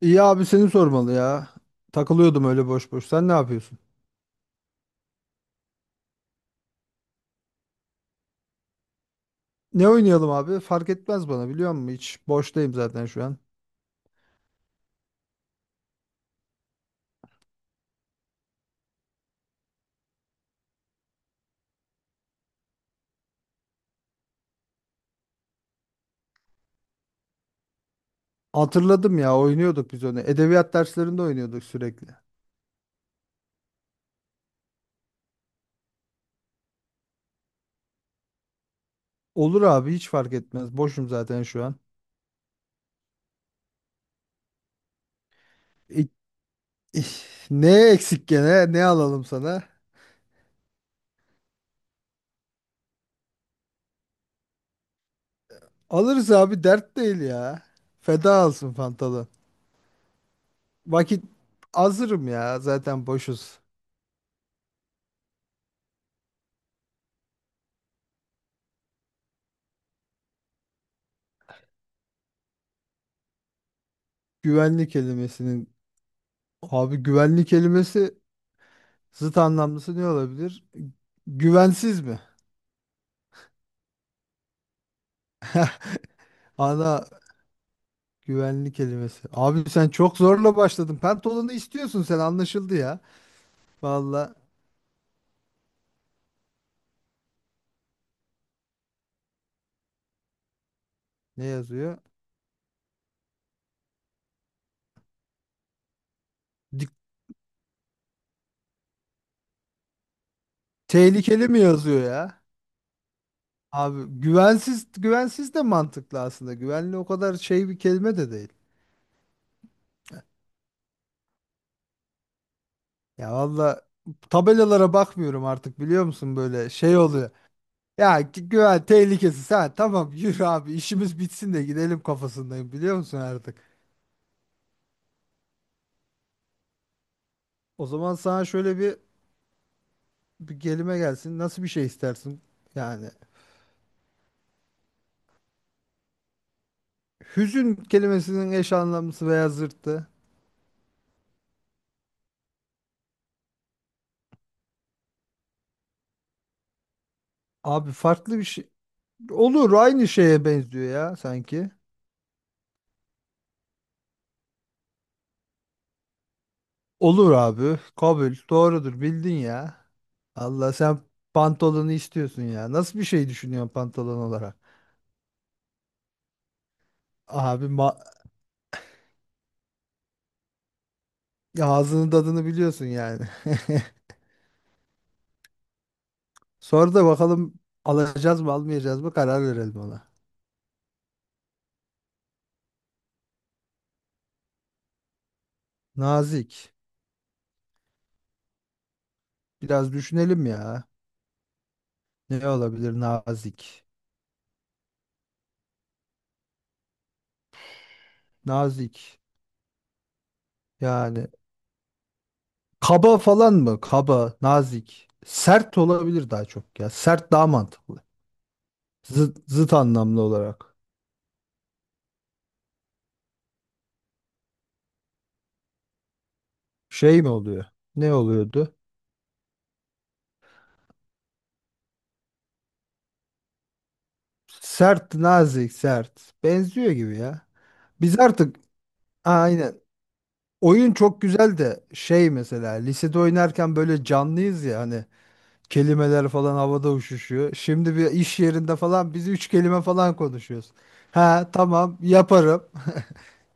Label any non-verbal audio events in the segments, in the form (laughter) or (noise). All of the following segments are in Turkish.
İyi abi seni sormalı ya. Takılıyordum öyle boş boş. Sen ne yapıyorsun? Ne oynayalım abi? Fark etmez bana biliyor musun? Hiç boştayım zaten şu an. Hatırladım ya, oynuyorduk biz onu. Edebiyat derslerinde oynuyorduk sürekli. Olur abi, hiç fark etmez. Boşum zaten şu an. İ- ih, ne eksik gene? Ne alalım sana? Alırız abi, dert değil ya. Feda olsun Fantalı. Vakit hazırım ya, zaten boşuz. Güvenlik kelimesinin, abi güvenlik kelimesi, zıt anlamlısı ne olabilir? Güvensiz mi? Ana güvenli kelimesi. Abi sen çok zorla başladın. Pantolonu istiyorsun sen, anlaşıldı ya. Valla ne yazıyor? Dik- tehlikeli mi yazıyor ya? Abi güvensiz, güvensiz de mantıklı aslında. Güvenli o kadar şey bir kelime de değil. Ya valla, tabelalara bakmıyorum artık biliyor musun, böyle şey oluyor. Ya güven tehlikesi, ha tamam, yürü abi işimiz bitsin de gidelim kafasındayım biliyor musun artık. O zaman sana şöyle bir kelime gelsin. Nasıl bir şey istersin? Yani hüzün kelimesinin eş anlamlısı veya zıttı. Abi farklı bir şey. Olur, aynı şeye benziyor ya sanki. Olur abi. Kabul. Doğrudur. Bildin ya. Allah, sen pantolonu istiyorsun ya. Nasıl bir şey düşünüyorsun pantolon olarak? Abi ma, ya ağzının tadını biliyorsun yani. (laughs) Sonra da bakalım, alacağız mı almayacağız mı karar verelim ona. Nazik. Biraz düşünelim ya. Ne olabilir nazik? Nazik. Yani kaba falan mı? Kaba, nazik. Sert olabilir daha çok ya. Sert daha mantıklı. Zıt, zıt anlamlı olarak. Şey mi oluyor? Ne oluyordu? Sert, nazik, sert. Benziyor gibi ya. Biz artık aynen. Oyun çok güzel de şey, mesela lisede oynarken böyle canlıyız ya hani, kelimeler falan havada uçuşuyor. Şimdi bir iş yerinde falan biz üç kelime falan konuşuyoruz. Ha tamam yaparım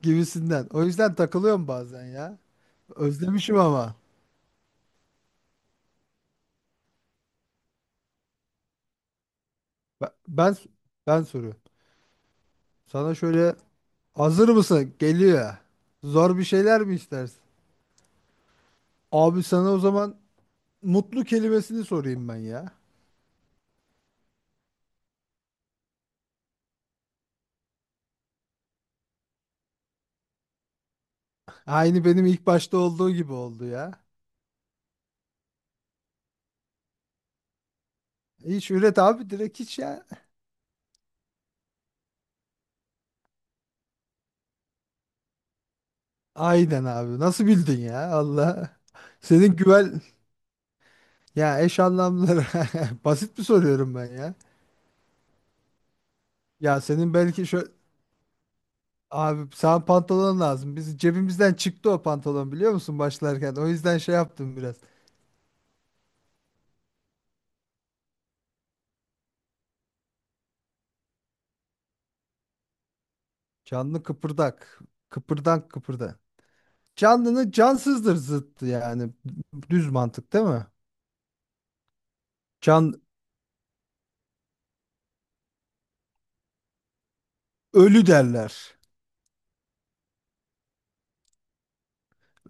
gibisinden. O yüzden takılıyorum bazen ya. Özlemişim ama. Ben ben, ben soruyorum. Sana şöyle, hazır mısın? Geliyor. Zor bir şeyler mi istersin? Abi sana o zaman mutlu kelimesini sorayım ben ya. Aynı benim ilk başta olduğu gibi oldu ya. Hiç üret abi, direkt hiç ya. Aynen abi. Nasıl bildin ya? Allah. Senin güven ya, eş anlamları (laughs) basit mi soruyorum ben ya? Ya senin belki şöyle, abi sana pantolon lazım. Biz cebimizden çıktı o pantolon biliyor musun başlarken. O yüzden şey yaptım biraz. Canlı kıpırdak. Kıpırdan kıpırda. Canlının cansızdır zıttı yani. Düz mantık değil mi? Can ölü derler.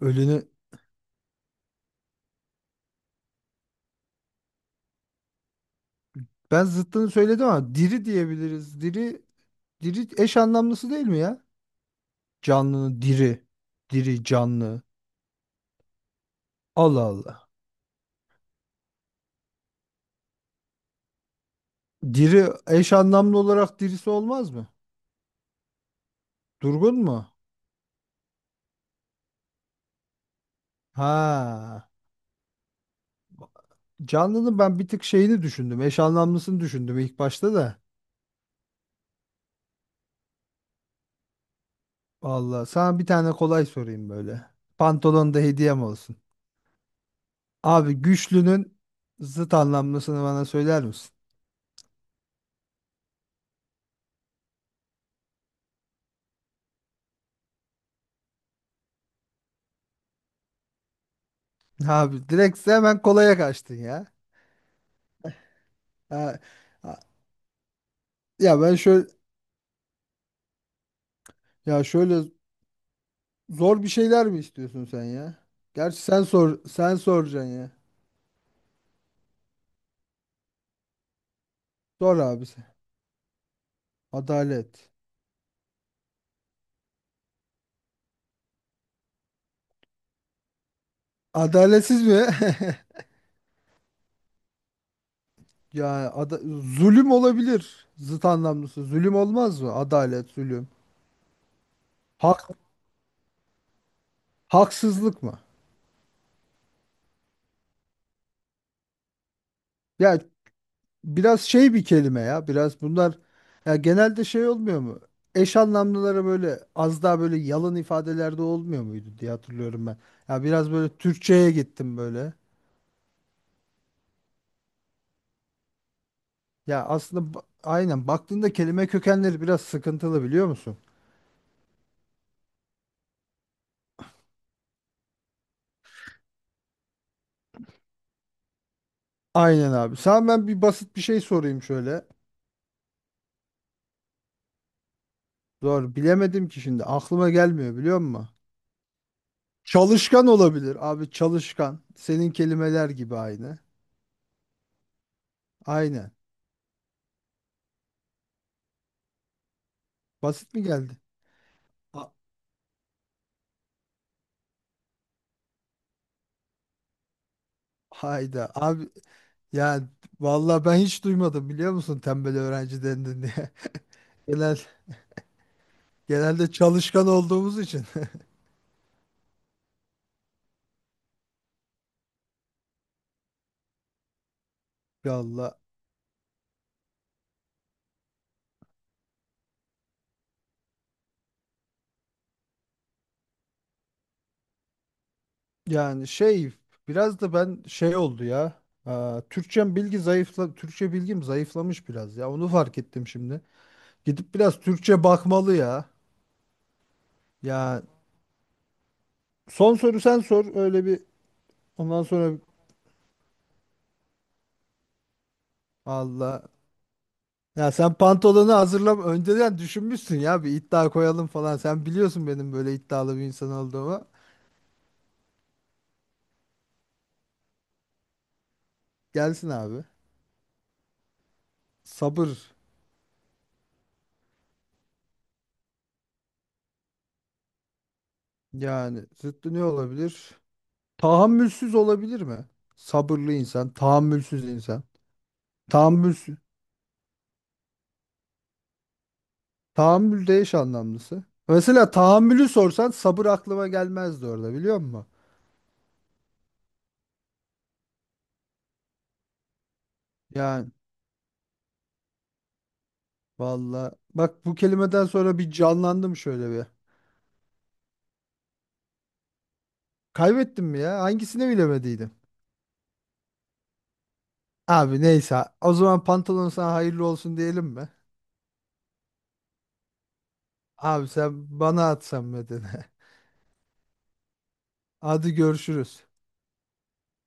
Ölünü ben zıttını söyledim ama diri diyebiliriz. Diri, diri eş anlamlısı değil mi ya? Canlının diri. Diri canlı. Allah Allah. Diri eş anlamlı olarak dirisi olmaz mı? Durgun mu? Ha. Canlı'nın ben bir tık şeyini düşündüm. Eş anlamlısını düşündüm ilk başta da. Vallahi sana bir tane kolay sorayım böyle. Pantolon da hediyem olsun. Abi güçlünün zıt anlamlısını bana söyler misin? (laughs) Abi direkt sen hemen kolaya kaçtın ya. Ha, ha- ya ben şöyle, ya şöyle, zor bir şeyler mi istiyorsun sen ya? Gerçi sen sor, sen soracaksın ya. Sor abi sen. Adalet. Adaletsiz mi? (laughs) Yani zulüm olabilir. Zıt anlamlısı. Zulüm olmaz mı? Adalet, zulüm. Hak, haksızlık mı? Ya biraz şey bir kelime ya. Biraz bunlar ya genelde şey olmuyor mu? Eş anlamlılara böyle az daha böyle yalın ifadelerde olmuyor muydu diye hatırlıyorum ben. Ya biraz böyle Türkçeye gittim böyle. Ya aslında aynen baktığında kelime kökenleri biraz sıkıntılı biliyor musun? Aynen abi. Sana ben bir basit bir şey sorayım şöyle. Doğru bilemedim ki, şimdi aklıma gelmiyor biliyor musun? Çalışkan olabilir abi, çalışkan. Senin kelimeler gibi aynı. Aynen. Basit mi geldi? Ha- Hayda abi, yani vallahi ben hiç duymadım biliyor musun tembel öğrenci dendin diye. (laughs) Genel Genelde çalışkan olduğumuz için. (laughs) Valla yani şey, biraz da ben şey oldu ya. Aa, Türkçem bilgi zayıfla, Türkçe bilgim zayıflamış biraz ya, onu fark ettim şimdi. Gidip biraz Türkçe bakmalı ya. Ya son soru sen sor, öyle bir ondan sonra. Allah, ya sen pantolonu hazırlam önceden düşünmüşsün ya, bir iddia koyalım falan. Sen biliyorsun benim böyle iddialı bir insan olduğumu. Gelsin abi. Sabır. Yani zıttı ne olabilir? Tahammülsüz olabilir mi? Sabırlı insan, tahammülsüz insan. Tahammülsüz. Tahammül de eş anlamlısı. Mesela tahammülü sorsan sabır aklıma gelmezdi orada biliyor musun? Yani valla bak, bu kelimeden sonra bir canlandım şöyle bir. Kaybettim mi ya? Hangisini bilemediydim? Abi neyse. O zaman pantolon sana hayırlı olsun diyelim mi? Abi sen bana at sen medeni. (laughs) Hadi görüşürüz.